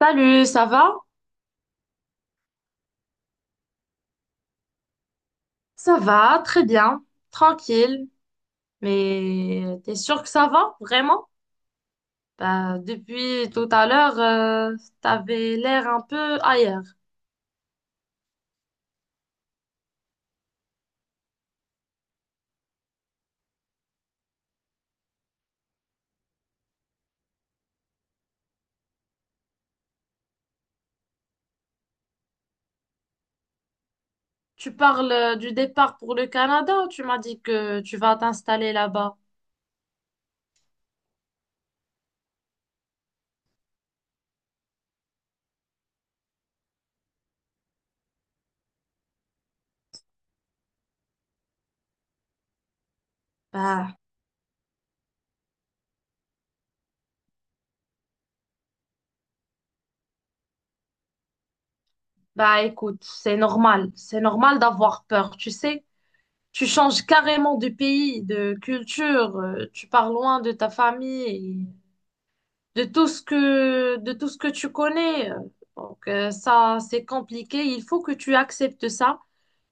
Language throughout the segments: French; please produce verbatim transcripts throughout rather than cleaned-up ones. Salut, ça va? Ça va, très bien, tranquille. Mais t'es sûr que ça va, vraiment? Bah, depuis tout à l'heure, euh, t'avais l'air un peu ailleurs. Tu parles euh, du départ pour le Canada ou tu m'as dit que tu vas t'installer là-bas? Bah, bah écoute, c'est normal. C'est normal d'avoir peur, tu sais. Tu changes carrément de pays, de culture, euh, tu pars loin de ta famille, de tout ce que, de tout ce que tu connais. Donc, euh, ça, c'est compliqué. Il faut que tu acceptes ça.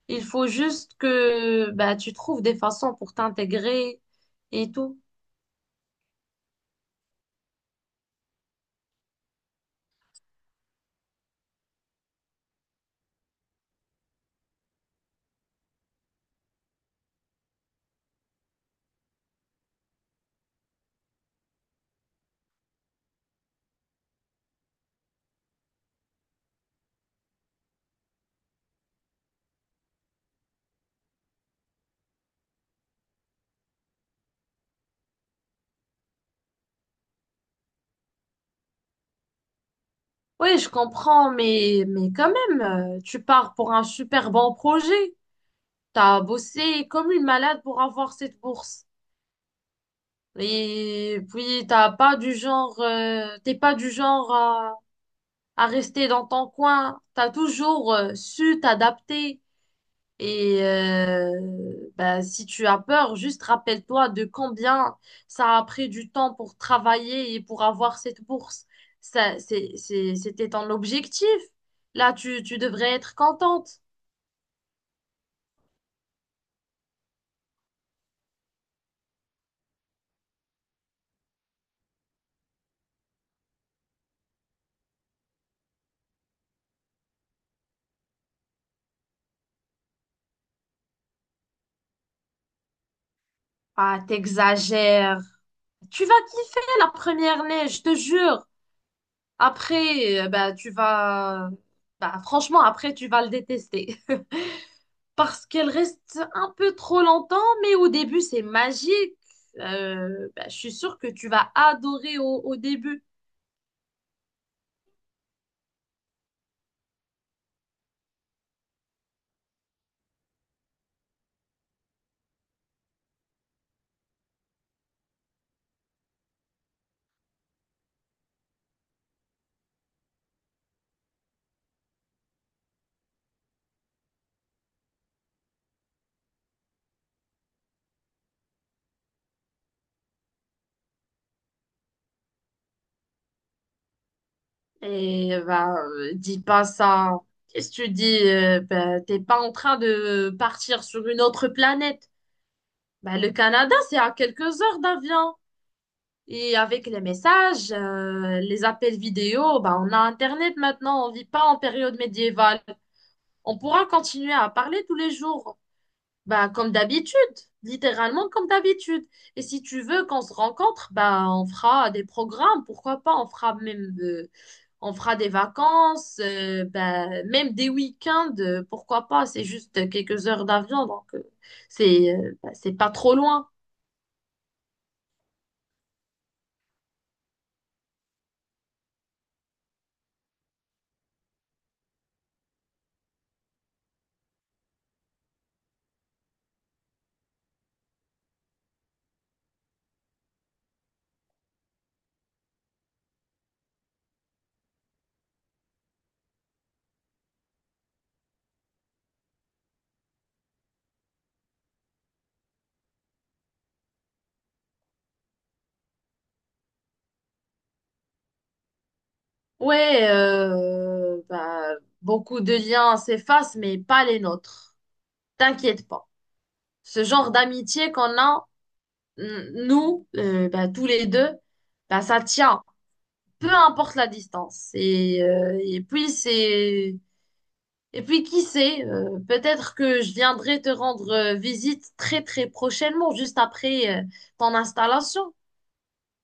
Il faut juste que bah, tu trouves des façons pour t'intégrer et tout. Oui, je comprends, mais, mais quand même, euh, tu pars pour un super bon projet. T'as bossé comme une malade pour avoir cette bourse. Et puis, t'as pas du genre, euh, t'es pas du genre à, à rester dans ton coin. T'as toujours euh, su t'adapter. Et euh, ben, si tu as peur, juste rappelle-toi de combien ça a pris du temps pour travailler et pour avoir cette bourse. Ça, c'est, c'est- c'était ton objectif. Là, tu, tu devrais être contente. Ah, t'exagères. Tu vas kiffer la première neige, je te jure. Après, euh, ben, tu vas... ben, franchement, après, tu vas le détester, parce qu'elle reste un peu trop longtemps, mais au début, c'est magique. Euh, bah, je suis sûre que tu vas adorer au, au début. Et bah, euh, dis pas ça. Qu'est-ce que tu dis? euh, bah, t'es pas en train de partir sur une autre planète. Bah, le Canada, c'est à quelques heures d'avion. Et avec les messages, euh, les appels vidéo, bah, on a Internet maintenant, on vit pas en période médiévale. On pourra continuer à parler tous les jours. Bah, comme d'habitude, littéralement comme d'habitude. Et si tu veux qu'on se rencontre, bah, on fera des programmes, pourquoi pas, on fera même, euh, on fera des vacances, euh, bah, même des week-ends, euh, pourquoi pas, c'est juste quelques heures d'avion, donc euh, c'est euh, bah, c'est pas trop loin. Ouais, euh, bah, beaucoup de liens s'effacent, mais pas les nôtres. T'inquiète pas. Ce genre d'amitié qu'on a, n- nous, euh, bah, tous les deux, bah, ça tient, peu importe la distance. Et, euh, et puis c'est et puis qui sait, euh, peut-être que je viendrai te rendre euh, visite très très prochainement, juste après euh, ton installation.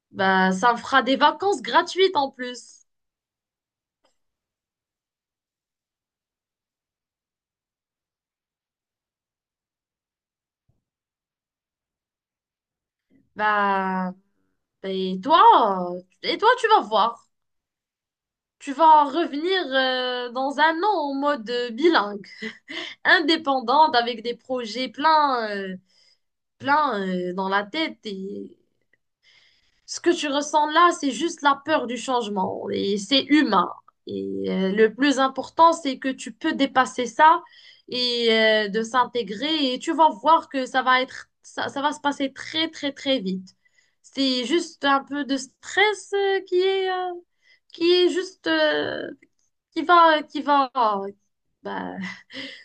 Bah, ça me fera des vacances gratuites en plus. Bah bah, et toi, euh, et toi tu vas voir. Tu vas revenir euh, dans un an en mode euh, bilingue, indépendante, avec des projets plein, euh, plein euh, dans la tête. Et ce que tu ressens là, c'est juste la peur du changement et c'est humain. Et euh, le plus important, c'est que tu peux dépasser ça et euh, de s'intégrer, et tu vas voir que ça va être, ça, ça va se passer très, très, très vite. C'est juste un peu de stress euh, qui est, euh, qui est juste, euh, qui va, qui va, bah,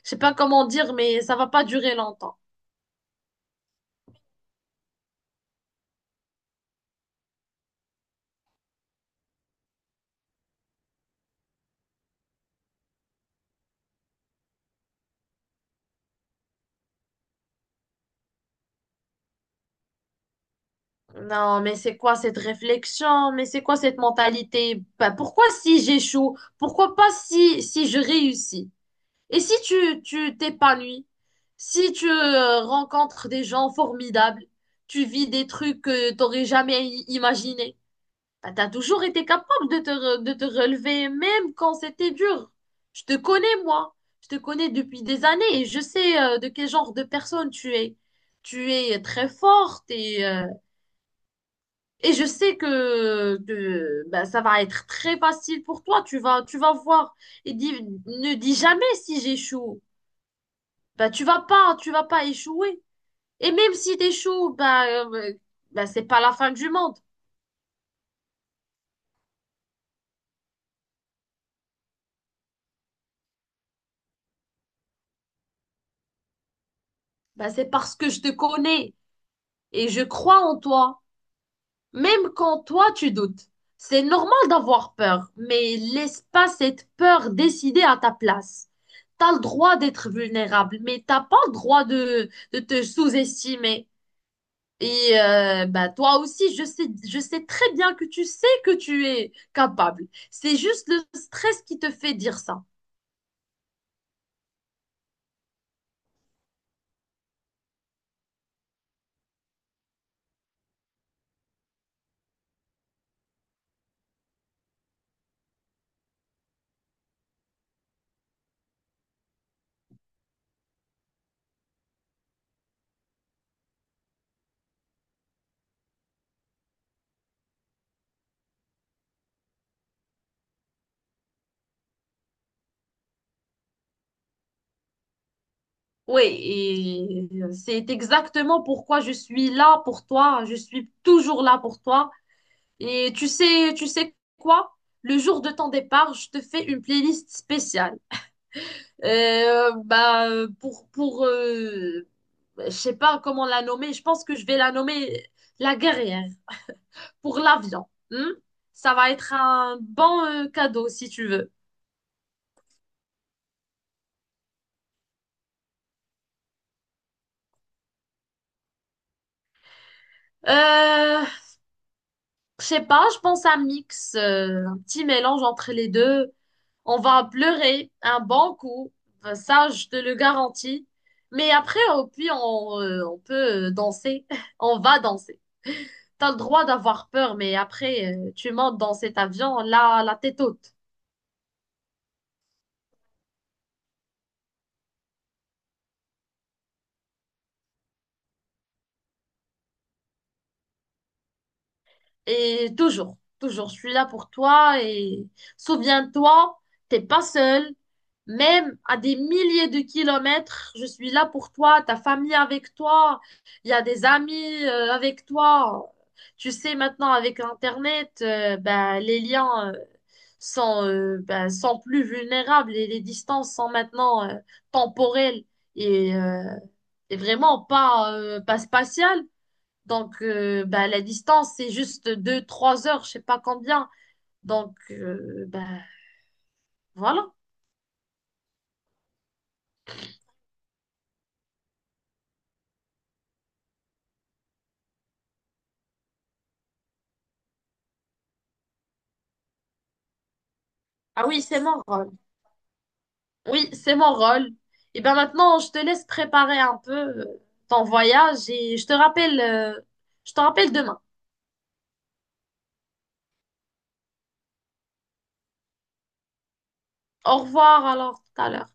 je sais pas comment dire, mais ça va pas durer longtemps. Non, mais c'est quoi cette réflexion? Mais c'est quoi cette mentalité? Bah, pourquoi si j'échoue? Pourquoi pas si, si je réussis? Et si tu, tu t'épanouis? Si tu euh, rencontres des gens formidables, tu vis des trucs que t'aurais jamais i- imaginé. Bah, t'as toujours été capable de te, re- de te relever, même quand c'était dur. Je te connais, moi. Je te connais depuis des années et je sais euh, de quel genre de personne tu es. Tu es très forte et... euh, et je sais que, que, ben, ça va être très facile pour toi. Tu vas, tu vas voir. Et dis- ne dis jamais si j'échoue. Ben, tu vas pas, tu vas pas échouer. Et même si t'échoues, ben, euh, ben, c'est pas la fin du monde. Ben, c'est parce que je te connais et je crois en toi. Même quand toi, tu doutes. C'est normal d'avoir peur, mais laisse pas cette peur décider à ta place. T'as le droit d'être vulnérable, mais t'as pas le droit de, de te sous-estimer. Et euh, bah toi aussi, je sais, je sais très bien que tu sais que tu es capable. C'est juste le stress qui te fait dire ça. Oui, et euh, c'est exactement pourquoi je suis là pour toi. Je suis toujours là pour toi. Et tu sais, tu sais quoi? Le jour de ton départ, je te fais une playlist spéciale. Euh, bah, pour pour euh, je sais pas comment la nommer. Je pense que je vais la nommer la guerrière, pour l'avion. hmm Ça va être un bon euh, cadeau si tu veux. Euh, je sais pas, je pense un mix, euh, un petit mélange entre les deux. On va pleurer un bon coup, Euh, ça je te le garantis. Mais après, au pire, on, euh, on peut euh, danser. On va danser. T'as le droit d'avoir peur, mais après, euh, tu montes dans cet avion, là, la tête haute. Et toujours, toujours, je suis là pour toi, et souviens-toi, t'es pas seul. Même à des milliers de kilomètres, je suis là pour toi, ta famille avec toi, il y a des amis euh, avec toi. Tu sais, maintenant avec Internet, euh, ben, les liens euh, sont, euh, ben, sont plus vulnérables, et les distances sont maintenant euh, temporelles et, euh, et vraiment pas, euh, pas spatiales. Donc, euh, bah, la distance, c'est juste deux trois heures, je sais pas combien. Donc, euh, bah, voilà. Ah oui, c'est mon rôle. Oui, c'est mon rôle. Et ben maintenant, je te laisse préparer un peu euh, ton voyage, et je te rappelle, euh, je te rappelle demain. Au revoir alors, tout à l'heure.